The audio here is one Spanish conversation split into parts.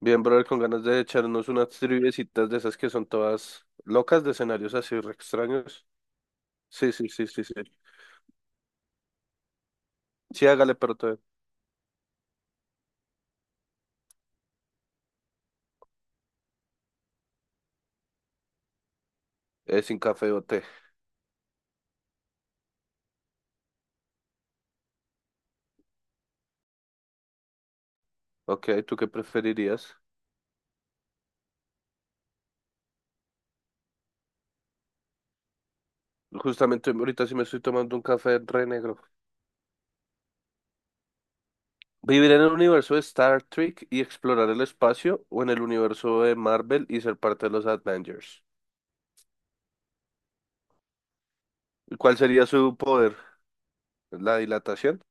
Bien, brother, con ganas de echarnos unas triviecitas de esas que son todas locas de escenarios así re extraños. Sí, sí, sí, sí, sí. Sí, hágale. Sin café o té. Ok, ¿tú qué preferirías? Justamente ahorita sí me estoy tomando un café re negro. ¿Vivir en el universo de Star Trek y explorar el espacio o en el universo de Marvel y ser parte de los Avengers? ¿Cuál sería su poder? ¿La dilatación?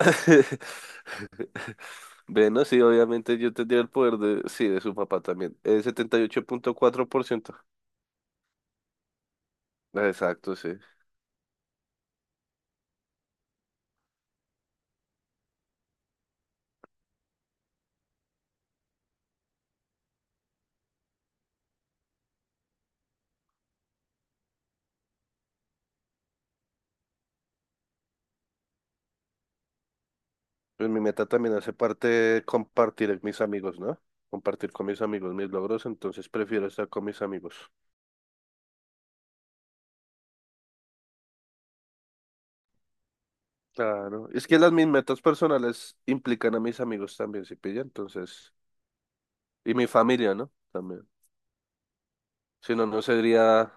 Bueno, sí, obviamente yo tendría el poder de, sí, de su papá también. 78.4%. Exacto, sí. Pues mi meta también hace parte de compartir con mis amigos, ¿no? Compartir con mis amigos mis logros, entonces prefiero estar con mis amigos. Claro. Es que las mis metas personales implican a mis amigos también, si pilla, entonces. Y mi familia, ¿no? También. Si no, no sería,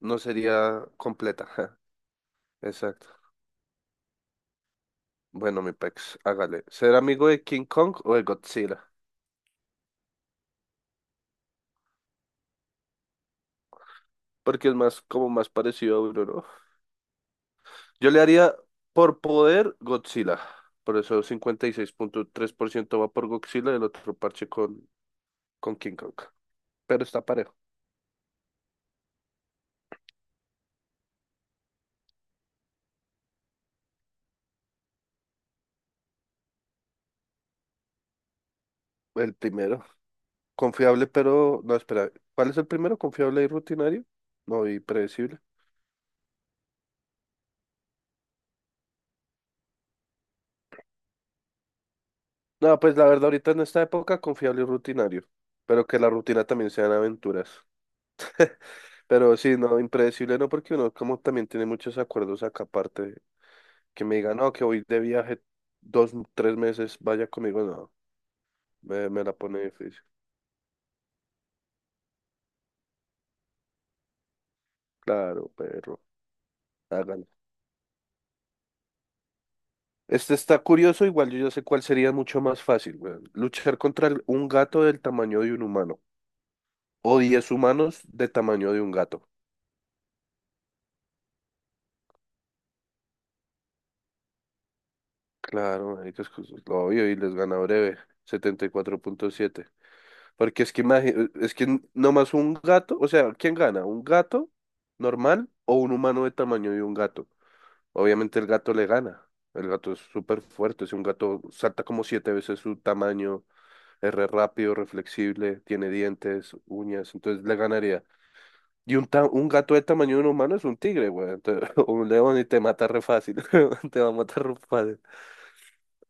no sería completa. Exacto. Bueno, mi pex, hágale. ¿Ser amigo de King Kong o de Godzilla? Porque es más, como más parecido a uno, ¿no? Yo le haría por poder Godzilla. Por eso 56.3% va por Godzilla y el otro parche con King Kong. Pero está parejo. El primero. Confiable, pero. No, espera. ¿Cuál es el primero? ¿Confiable y rutinario? No, y predecible. No, pues la verdad, ahorita en esta época, confiable y rutinario. Pero que la rutina también sean aventuras. Pero sí, no, impredecible no, porque uno como también tiene muchos acuerdos acá aparte. Que me digan, no, que voy de viaje dos, tres meses, vaya conmigo, no. Me la pone difícil. Claro, perro. Hágalo. Este está curioso, igual yo ya sé cuál sería mucho más fácil, weón. Luchar contra un gato del tamaño de un humano. O 10 humanos de tamaño de un gato. Claro, marica, es que es lo obvio y les gana breve. 74.7. Porque es que es que nomás un gato, o sea, ¿quién gana? ¿Un gato normal o un humano de tamaño de un gato? Obviamente el gato le gana. El gato es súper fuerte, si un gato salta como siete veces su tamaño. Es re rápido, reflexible, tiene dientes, uñas, entonces le ganaría. Y un gato de tamaño de un humano es un tigre, güey. Entonces, un león y te mata re fácil. Te va a matar re fácil.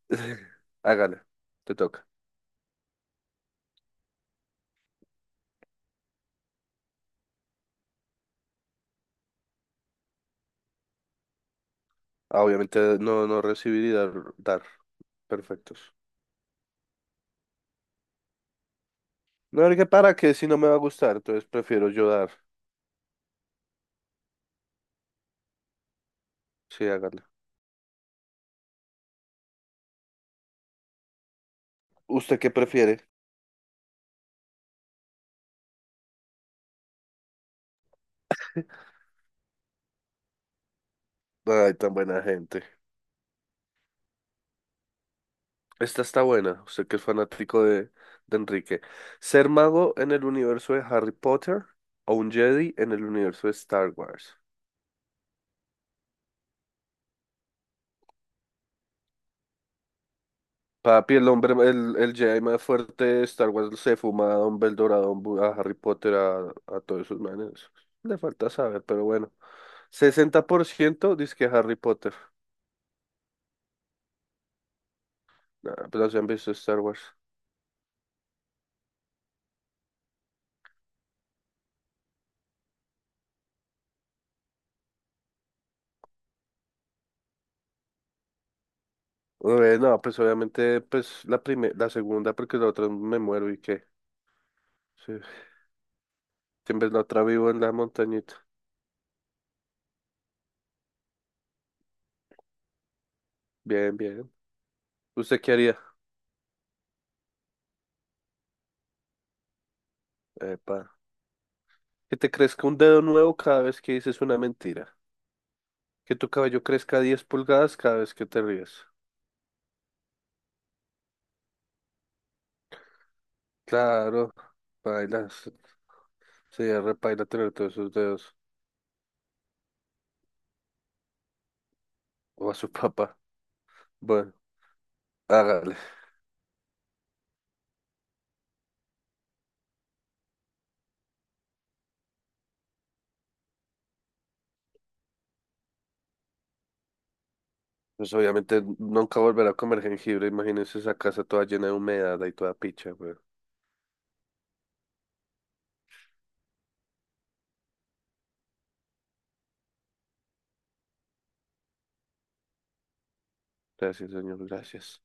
Hágale, te toca. Ah, obviamente no, no recibir y dar, dar. Perfectos. No, que para que si no me va a gustar, entonces prefiero yo dar. Sí, hágale. ¿Usted qué prefiere? Ay, tan buena gente. Esta está buena, usted que es fanático de Enrique. ¿Ser mago en el universo de Harry Potter o un Jedi en el universo de Star Wars? Papi, el hombre, el Jedi más fuerte de Star Wars se fuma a Dumbledore, a Harry Potter, a todos esos manes. Le falta saber, pero bueno. 60% dice que Harry Potter. Nah, pero se han visto Star Wars. No, pues obviamente, pues la segunda, porque la otra me muero y qué. Sí. Que en vez la otra vivo en la montañita. Bien, bien. ¿Usted qué haría? Epa. Que te crezca un dedo nuevo cada vez que dices una mentira. Que tu cabello crezca 10 pulgadas cada vez que te ríes. Claro, baila. Sería repaila tener todos esos dedos. O a su papá. Bueno, hágale. Pues obviamente nunca volverá a comer jengibre. Imagínense esa casa toda llena de humedad y toda picha, güey. Gracias, señor, gracias.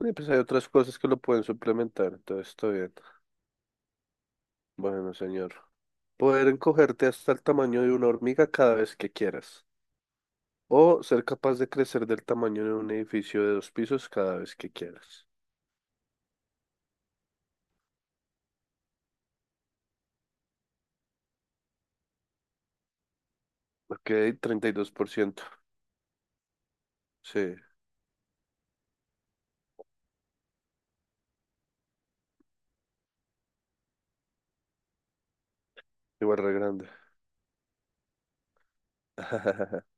Y pues hay otras cosas que lo pueden suplementar, entonces está bien. Bueno, señor. Poder encogerte hasta el tamaño de una hormiga cada vez que quieras. O ser capaz de crecer del tamaño de un edificio de dos pisos cada vez que quieras. Ok, 32%. Sí, igual re grande.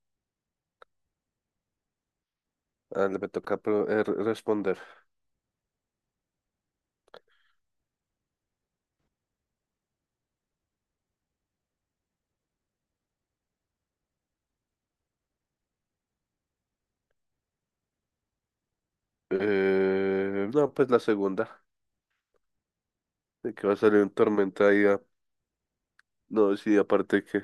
Ah, le me toca responder. No, pues la segunda. De que va a salir un tormenta y ya. No, sí, aparte que.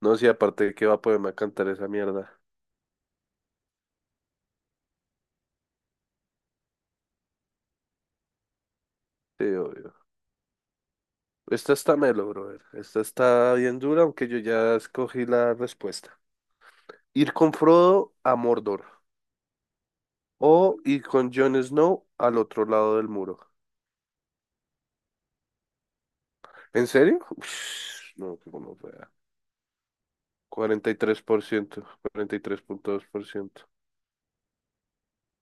No, sí, aparte de que va a poderme a cantar esa mierda. Sí, obvio. Esta está melo, brother. Esta está bien dura, aunque yo ya escogí la respuesta. Ir con Frodo a Mordor. O y con Jon Snow al otro lado del muro. ¿En serio? Ush, no, que como vea. 43%, 43.2%.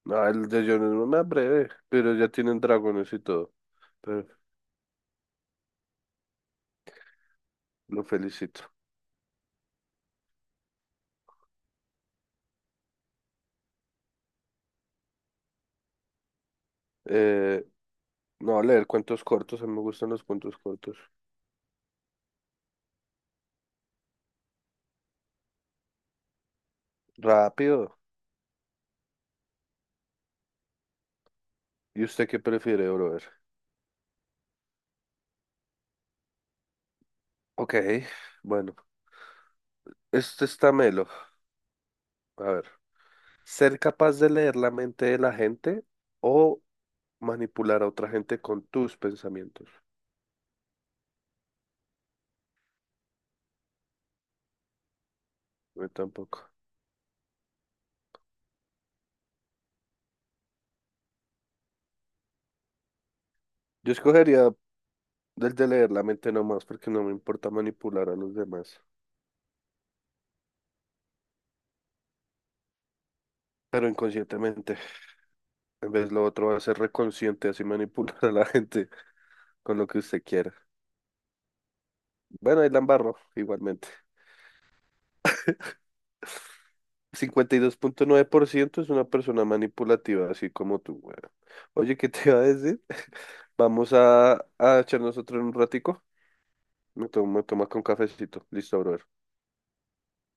No, el de Jon Snow, una breve, pero ya tienen dragones y todo. Pero lo felicito. Eh, no, leer cuentos cortos, a mí me gustan los cuentos cortos. Rápido. ¿Y usted qué prefiere, brother? Ok, bueno, este está melo. A ver, ¿ser capaz de leer la mente de la gente o manipular a otra gente con tus pensamientos? Yo tampoco. Yo escogería el de leer la mente nomás porque no me importa manipular a los demás, pero inconscientemente. En vez lo otro va a ser reconsciente, así manipular a la gente con lo que usted quiera. Bueno, ahí la embarro igualmente. 52.9% es una persona manipulativa, así como tú, güey. Oye, ¿qué te iba a decir? Vamos a echar nosotros un ratico. Me tomo, me tomas con cafecito. Listo, brother.